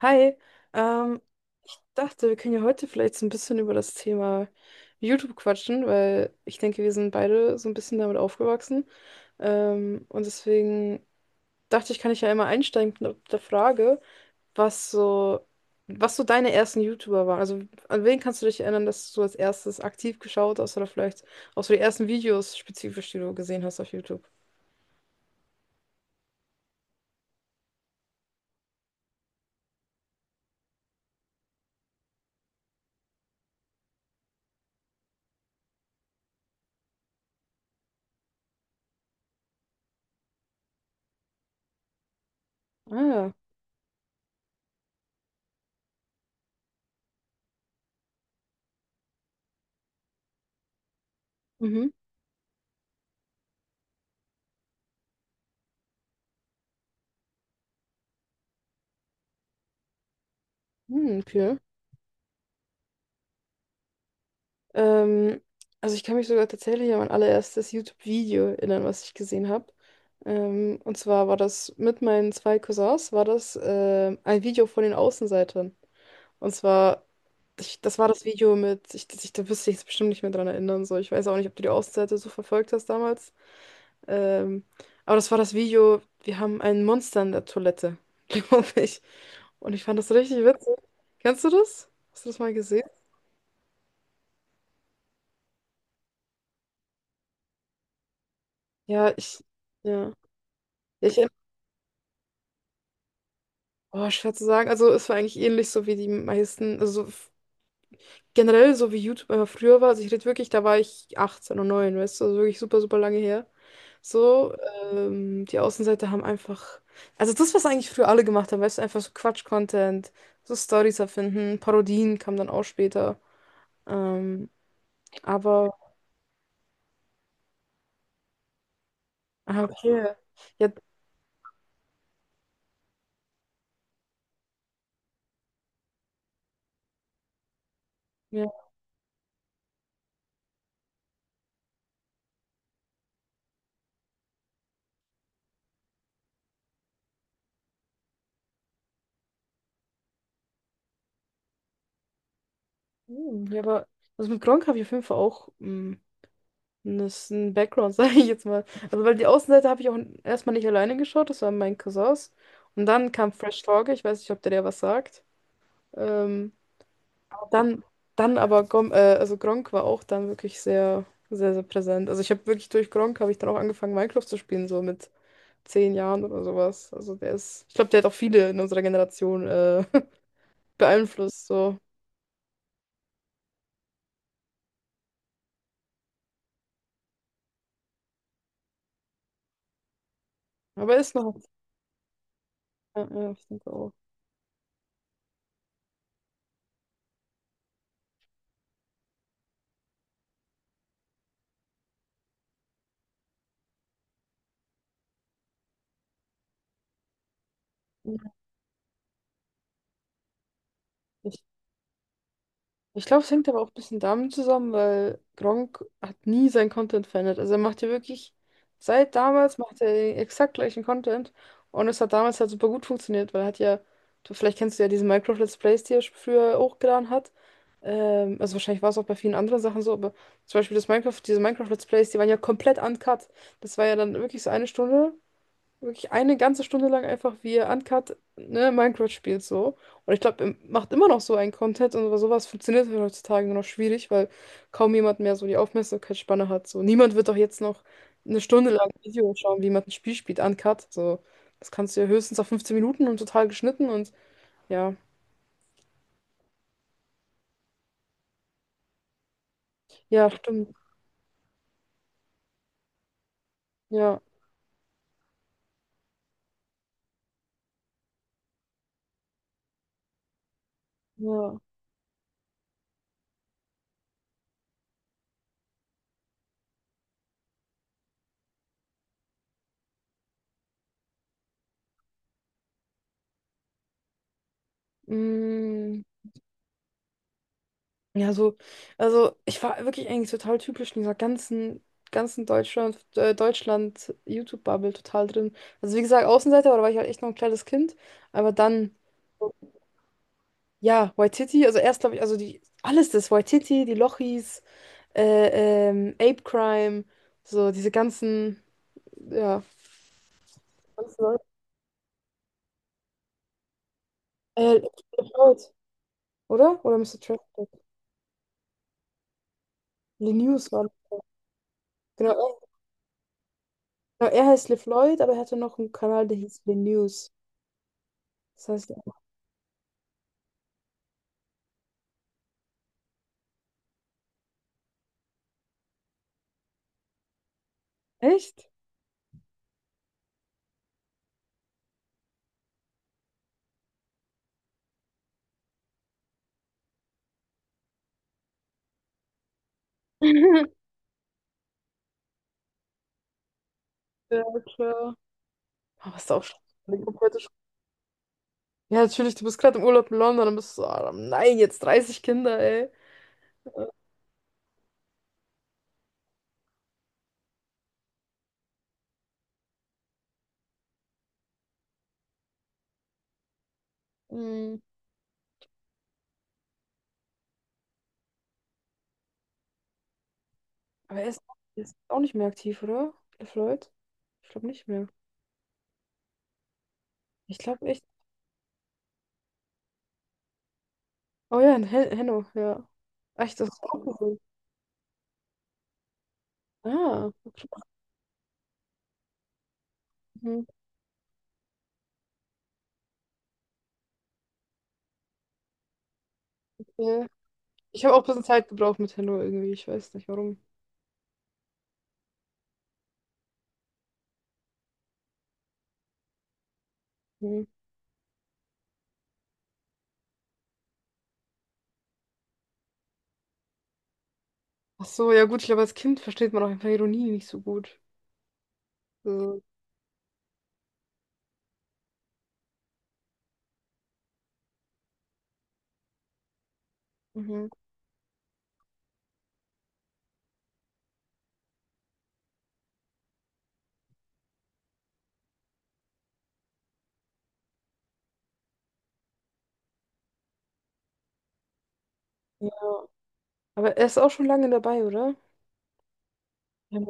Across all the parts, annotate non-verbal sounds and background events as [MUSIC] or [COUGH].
Hi, ähm, dachte, wir können ja heute vielleicht so ein bisschen über das Thema YouTube quatschen, weil ich denke, wir sind beide so ein bisschen damit aufgewachsen. Und deswegen dachte ich, kann ich ja immer einsteigen mit der Frage, was so, was so deine ersten YouTuber waren. Also an wen kannst du dich erinnern, dass du als erstes aktiv geschaut hast oder vielleicht auch so die ersten Videos spezifisch, die du gesehen hast auf YouTube? Ah, ja. Mhm. Hm, okay. Ähm, also ich kann mich sogar tatsächlich an mein allererstes YouTube-Video erinnern, was ich gesehen habe. Und zwar war das mit meinen zwei Cousins, war das ein Video von den Außenseitern. Und zwar, das war das Video da wirst du jetzt bestimmt nicht mehr dran erinnern, so. Ich weiß auch nicht, ob du die Außenseiter so verfolgt hast damals. Ähm, aber das war das Video, wir haben ein Monster in der Toilette, [LAUGHS] glaube ich. Und ich fand das richtig witzig. Kennst du das? Hast du das mal gesehen? Ja, ja. Ja. Oh, schwer zu sagen. Also es war eigentlich ähnlich so wie die meisten, also generell so wie YouTube einfach früher war. Also ich rede wirklich, da war ich 18 und 9, weißt du, also wirklich super, super lange her. So, die Außenseiter haben einfach, also das, was eigentlich früher alle gemacht haben, weißt du, einfach so Quatsch-Content, so Stories erfinden, Parodien kamen dann auch später. Ähm, aber, ah, okay. Ja, ja, hm, ja, aber also mit Gronkh habe ich auf jeden Fall auch. Das ist ein Background, [LAUGHS] sage ich jetzt mal. Also, weil die Außenseite habe ich auch erstmal nicht alleine geschaut, das waren meine Cousins. Und dann kam Fresh Torge, ich weiß nicht, ob der dir was sagt. Ähm, dann, also Gronkh war auch dann wirklich sehr, sehr, sehr präsent. Also, ich habe wirklich durch Gronkh habe ich dann auch angefangen, Minecraft zu spielen, so mit 10 Jahren oder sowas. Also, der ist, ich glaube, der hat auch viele in unserer Generation [LAUGHS] beeinflusst, so. Aber er ist noch. Ja, ja, ich denke auch. Ich glaube, es hängt aber auch ein bisschen damit zusammen, weil Gronkh hat nie seinen Content verändert. Also er macht ja wirklich, seit damals macht er den exakt gleichen Content und es hat damals halt super gut funktioniert, weil er hat ja, du, vielleicht kennst du ja diese Minecraft-Let's Plays, die er früher hochgeladen hat. Also wahrscheinlich war es auch bei vielen anderen Sachen so, aber zum Beispiel das Minecraft, diese Minecraft-Let's Plays, die waren ja komplett uncut. Das war ja dann wirklich so eine Stunde wirklich eine ganze Stunde lang einfach, wie ihr Uncut, ne, Minecraft spielt so. Und ich glaube, er macht immer noch so einen Content und sowas funktioniert halt heutzutage nur noch schwierig, weil kaum jemand mehr so die Aufmerksamkeitsspanne hat. So, niemand wird doch jetzt noch eine Stunde lang ein Video schauen, wie jemand ein Spiel spielt, Uncut. So, das kannst du ja höchstens auf 15 Minuten und total geschnitten und ja. Ja, stimmt. Ja, ja. Mm. Ja, so, also ich war wirklich eigentlich total typisch in dieser ganzen, Deutschland YouTube-Bubble total drin. Also wie gesagt, Außenseiter, aber da war ich halt echt noch ein kleines Kind. Aber dann, ja, Waititi, also erst glaube ich, also die, alles das, Waititi, die Lochis, Ape Crime, so diese ganzen, ja, ganzen Leute. Äh, LeFloid, oder? Oder Mister Traffic. Le News war. Genau, er, genau, er heißt LeFloid, aber er hatte noch einen Kanal, der hieß Le News. Das heißt, echt? [LAUGHS] Ja, klar. Aber ist auch schon eine komplette Sch. Ja, natürlich, du bist gerade im Urlaub in London, dann bist du so, ah, nein, jetzt 30 Kinder, ey. Mhm. Aber er ist auch nicht mehr aktiv, oder? LeFloid? Ich glaube nicht mehr. Ich glaube echt. Oh ja, in Henno, ja. Echt, das ist auch cool. Ah, okay. Mhm. Ja. Ich habe auch ein bisschen Zeit gebraucht mit Henno irgendwie, ich weiß nicht warum. Mhm. Ach so, ja gut, ich glaube, als Kind versteht man auch einfach Ironie nicht so gut. So. Mhm. Ja. Aber er ist auch schon lange dabei, oder? Ja.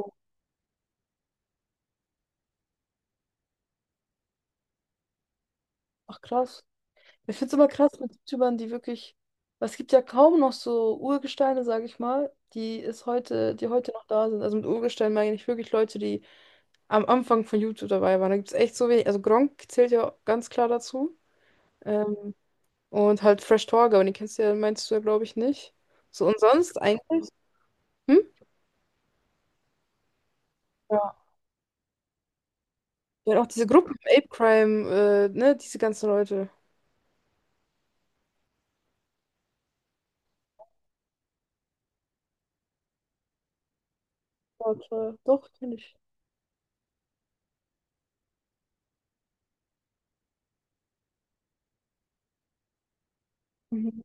Ach krass. Ich finde es immer krass mit YouTubern, die wirklich, weil es gibt ja kaum noch so Urgesteine, sage ich mal, die heute noch da sind. Also mit Urgesteinen meine ich wirklich Leute, die am Anfang von YouTube dabei waren. Da gibt es echt so wenig. Also Gronkh zählt ja ganz klar dazu. Ähm, und halt Fresh Torge, aber den kennst du ja, meinst du ja, glaube ich, nicht. So und sonst eigentlich. Hm? Ja. Ja, auch diese Gruppen, Ape Crime, ne, diese ganzen Leute. Ja, klar. Doch, finde ich. Mhm.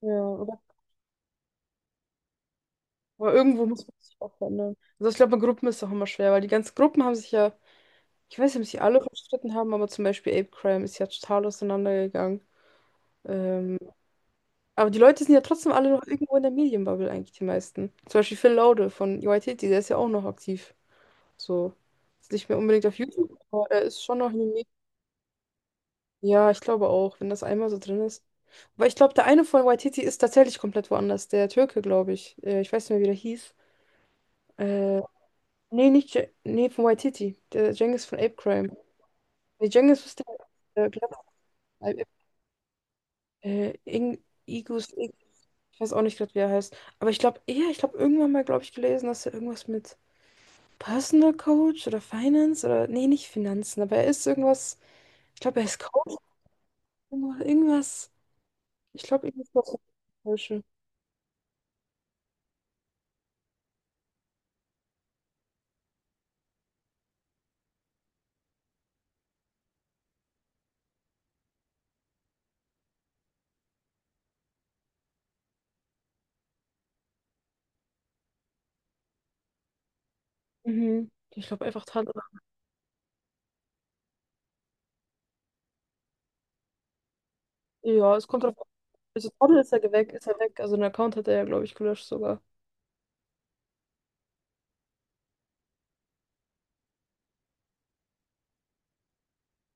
Ja, oder Aber irgendwo muss man sich auch verändern. Also ich glaube, in Gruppen ist es auch immer schwer, weil die ganzen Gruppen haben sich ja, ich weiß nicht, ob sie alle verstritten haben, aber zum Beispiel Ape Crime ist ja total auseinandergegangen. Ähm, aber die Leute sind ja trotzdem alle noch irgendwo in der Medienbubble eigentlich, die meisten. Zum Beispiel Phil Laude von YTT, der ist ja auch noch aktiv. So. Ist nicht mehr unbedingt auf YouTube, aber er ist schon noch in den Medien. Ja, ich glaube auch, wenn das einmal so drin ist. Aber ich glaube, der eine von YTT ist tatsächlich komplett woanders. Der Türke, glaube ich. Ich weiß nicht mehr, wie der hieß. Äh, Nee, nicht Je nee, von White City. Der Cengiz von Ape Crime. Nee, Cengiz ist der, der Glatt. Ing Igus, Ig ich weiß auch nicht gerade, wie er heißt. Aber ich glaube, ja, ich glaube, irgendwann mal, glaube ich, gelesen, dass er irgendwas mit Personal Coach oder Finance oder, nee, nicht Finanzen, aber er ist irgendwas, ich glaube, er ist Coach oder irgendwas. Ich glaube, irgendwas was Falsche. Mhm. Ich glaube einfach Tadel. Ja, es kommt drauf an. Also Tadel ist er weg, ist er weg. Also ein Account hat er ja, glaube ich, gelöscht sogar.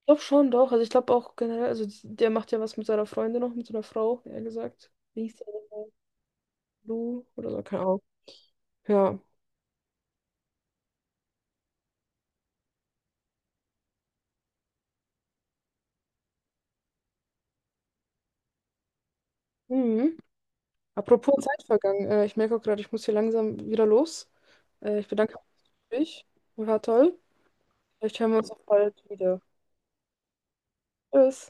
Ich glaube schon doch. Also ich glaube auch generell, also der macht ja was mit seiner Freundin noch, mit seiner Frau, eher gesagt. Wie hieß der? Lou oder so, keine Ahnung. Ja. Mhm. Apropos Zeit vergangen. Ich merke auch gerade, ich muss hier langsam wieder los. Ich bedanke mich. War toll. Vielleicht hören wir uns auch bald wieder. Tschüss.